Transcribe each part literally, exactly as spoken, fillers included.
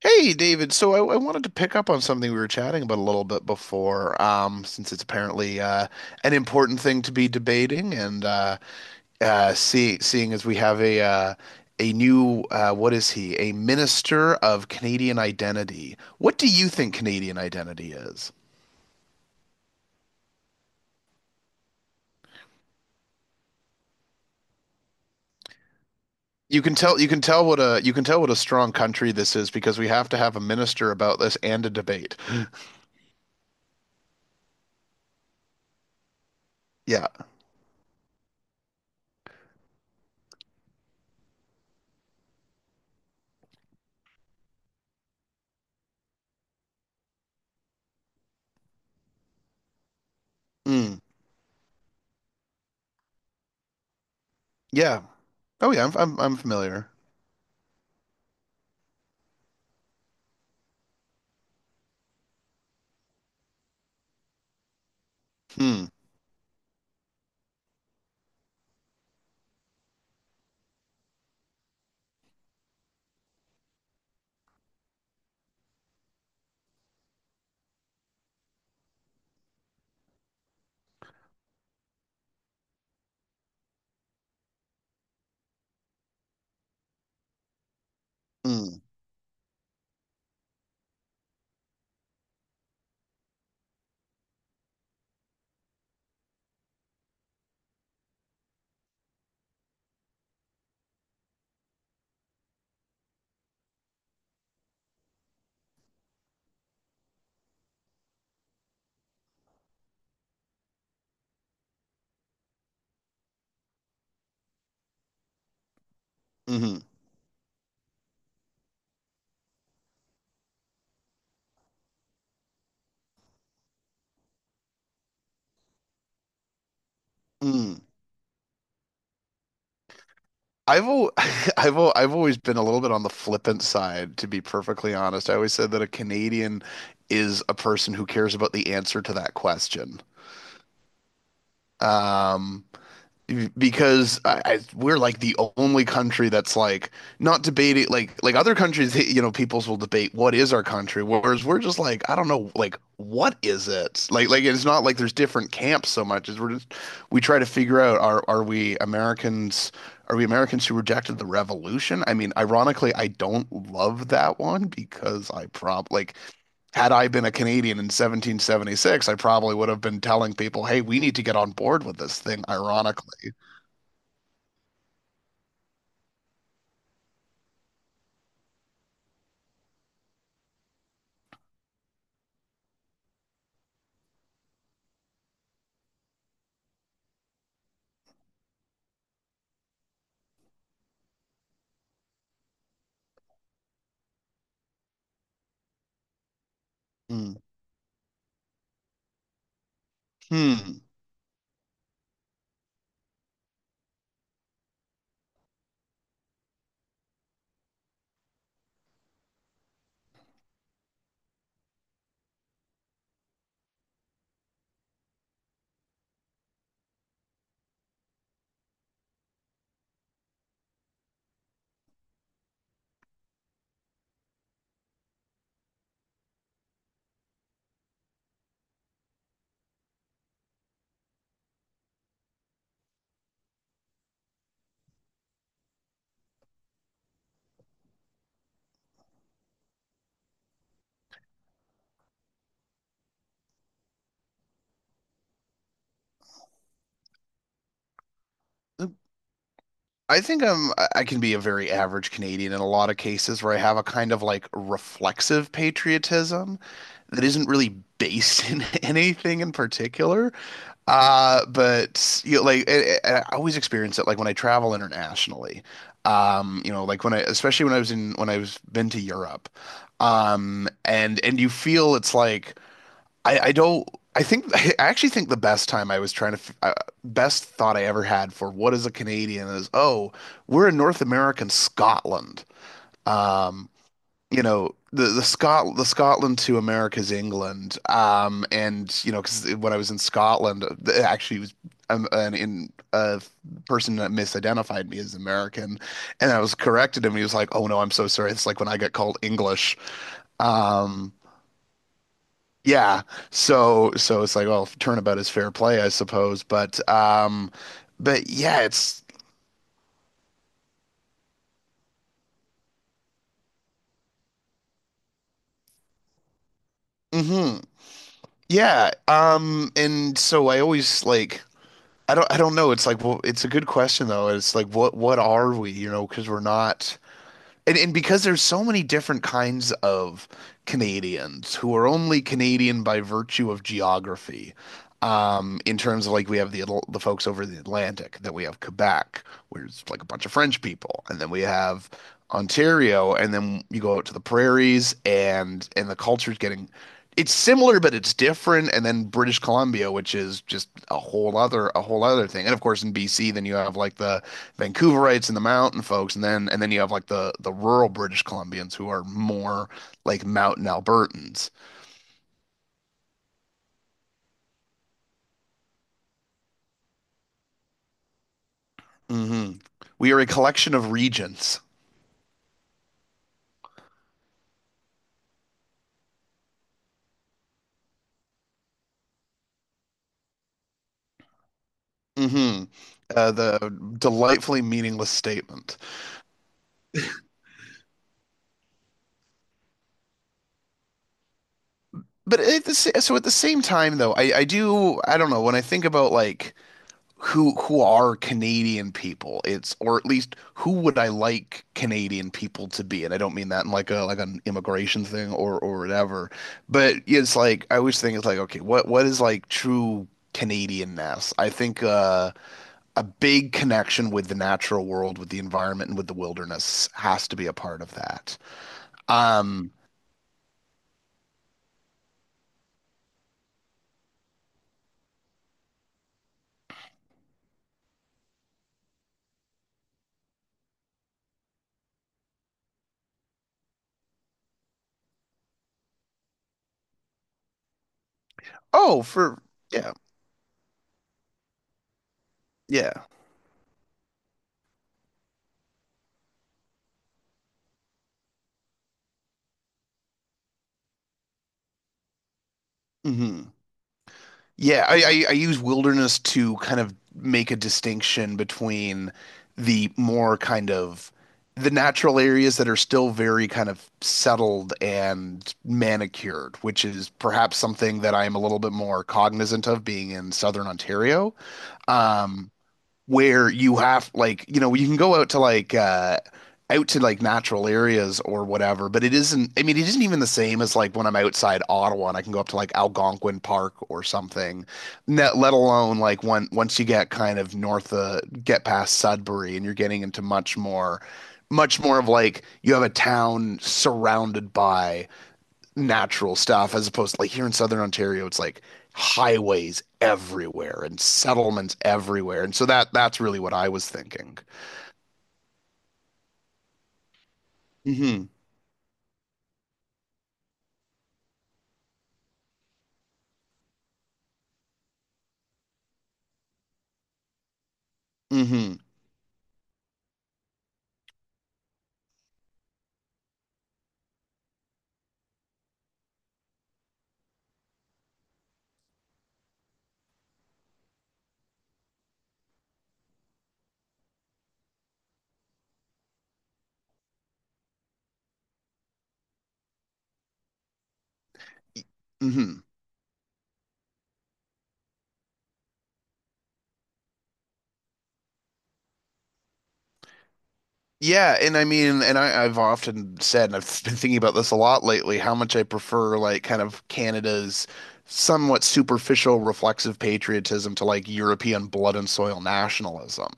Hey, David. So I, I wanted to pick up on something we were chatting about a little bit before, um, since it's apparently uh, an important thing to be debating, and uh, uh, see, seeing as we have a uh, a new uh, what is he? A minister of Canadian identity. What do you think Canadian identity is? You can tell you can tell what a you can tell what a strong country this is because we have to have a minister about this and a debate. Mm. Yeah. Mm. Yeah. Oh yeah. I'm I'm, I'm familiar. Hmm. Mm. Hmm. Mm. I've al I've al I've always been a little bit on the flippant side, to be perfectly honest. I always said that a Canadian is a person who cares about the answer to that question. Um, because I, I we're like the only country that's like not debating like like other countries you know peoples will debate what is our country, whereas we're just like I don't know, like what is it like like it's not like there's different camps so much as we're just we try to figure out are are we Americans, are we Americans who rejected the revolution? I mean, ironically, I don't love that one because I prob like had I been a Canadian in seventeen seventy-six, I probably would have been telling people, hey, we need to get on board with this thing, ironically. Mm. Hmm. I think I'm I I can be a very average Canadian in a lot of cases where I have a kind of like reflexive patriotism that isn't really based in anything in particular. Uh, but you know, like I I- I always experience it like when I travel internationally. Um, you know, like when I especially when I was in when I was been to Europe. Um, and and you feel it's like I, I don't. I think I actually think the best time I was trying to f- uh, best thought I ever had for what is a Canadian is, oh, we're in North American Scotland. Um, you know, the the Scot the Scotland to America's England. Um, and you know, because when I was in Scotland, uh, th- actually it was um, an in a person that misidentified me as American, and I was corrected him. He was like, oh no, I'm so sorry. It's like when I get called English. Um, yeah. So so it's like, well, turnabout is fair play, I suppose. But um but yeah, it's hmm. Yeah. Um, and so I always like I don't I don't know. It's like, well, it's a good question though. It's like what what are we, you know, because we're not. And and because there's so many different kinds of Canadians who are only Canadian by virtue of geography. Um, in terms of like we have the Atl- the folks over the Atlantic, then we have Quebec, where it's like a bunch of French people, and then we have Ontario, and then you go out to the prairies and and the culture's getting, it's similar but it's different, and then British Columbia, which is just a whole other a whole other thing. And of course, in B C, then you have like the Vancouverites and the mountain folks, and then and then you have like the the rural British Columbians who are more like mountain Albertans. Hmm. We are a collection of regions. Hmm. Uh, the delightfully meaningless statement. But at the, so at the same time, though, I I do I don't know when I think about like who who are Canadian people. It's, or at least, who would I like Canadian people to be? And I don't mean that in like a like an immigration thing or or whatever. But it's like I always think it's like, okay, what what is like true Canadianness? I think uh, a big connection with the natural world, with the environment, and with the wilderness has to be a part of that. Um. Oh, for yeah, yeah. Hmm. Yeah, I, I, I use wilderness to kind of make a distinction between the more kind of the natural areas that are still very kind of settled and manicured, which is perhaps something that I am a little bit more cognizant of being in southern Ontario. Um, where you have like, you know, you can go out to like uh out to like natural areas or whatever, but it isn't, I mean, it isn't even the same as like when I'm outside Ottawa and I can go up to like Algonquin Park or something, net let alone like when once you get kind of north of get past Sudbury, and you're getting into much more much more of like you have a town surrounded by natural stuff, as opposed to like here in Southern Ontario, it's like highways everywhere and settlements everywhere. And so that that's really what I was thinking. Hmm. Hmm. Hmm. Yeah, and I mean, and I, I've often said, and I've been thinking about this a lot lately, how much I prefer like kind of Canada's somewhat superficial reflexive patriotism to like European blood and soil nationalism.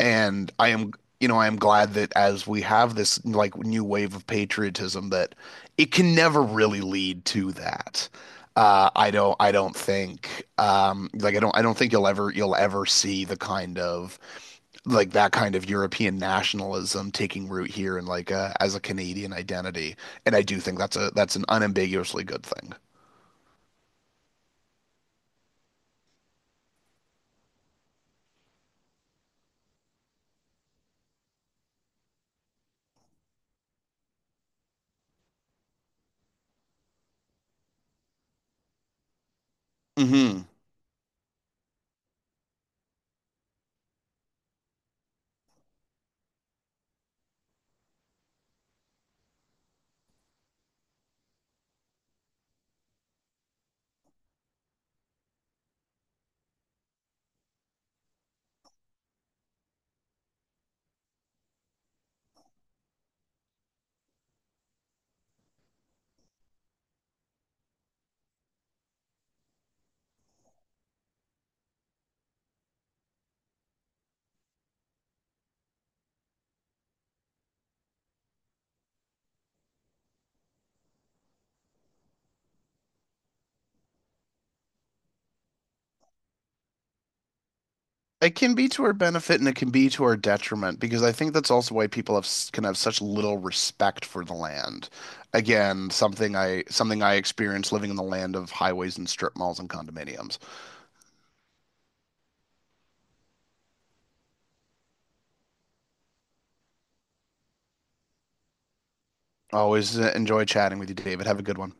And I am, you know, I am glad that as we have this like new wave of patriotism, that it can never really lead to that. Uh, I don't, I don't think, um, like I don't, I don't think you'll ever, you'll ever see the kind of like that kind of European nationalism taking root here and like uh, as a Canadian identity. And I do think that's a that's an unambiguously good thing. Hmm. It can be to our benefit and it can be to our detriment, because I think that's also why people have s- can have such little respect for the land. Again, something I something I experienced living in the land of highways and strip malls and condominiums. Always uh, enjoy chatting with you, David. Have a good one.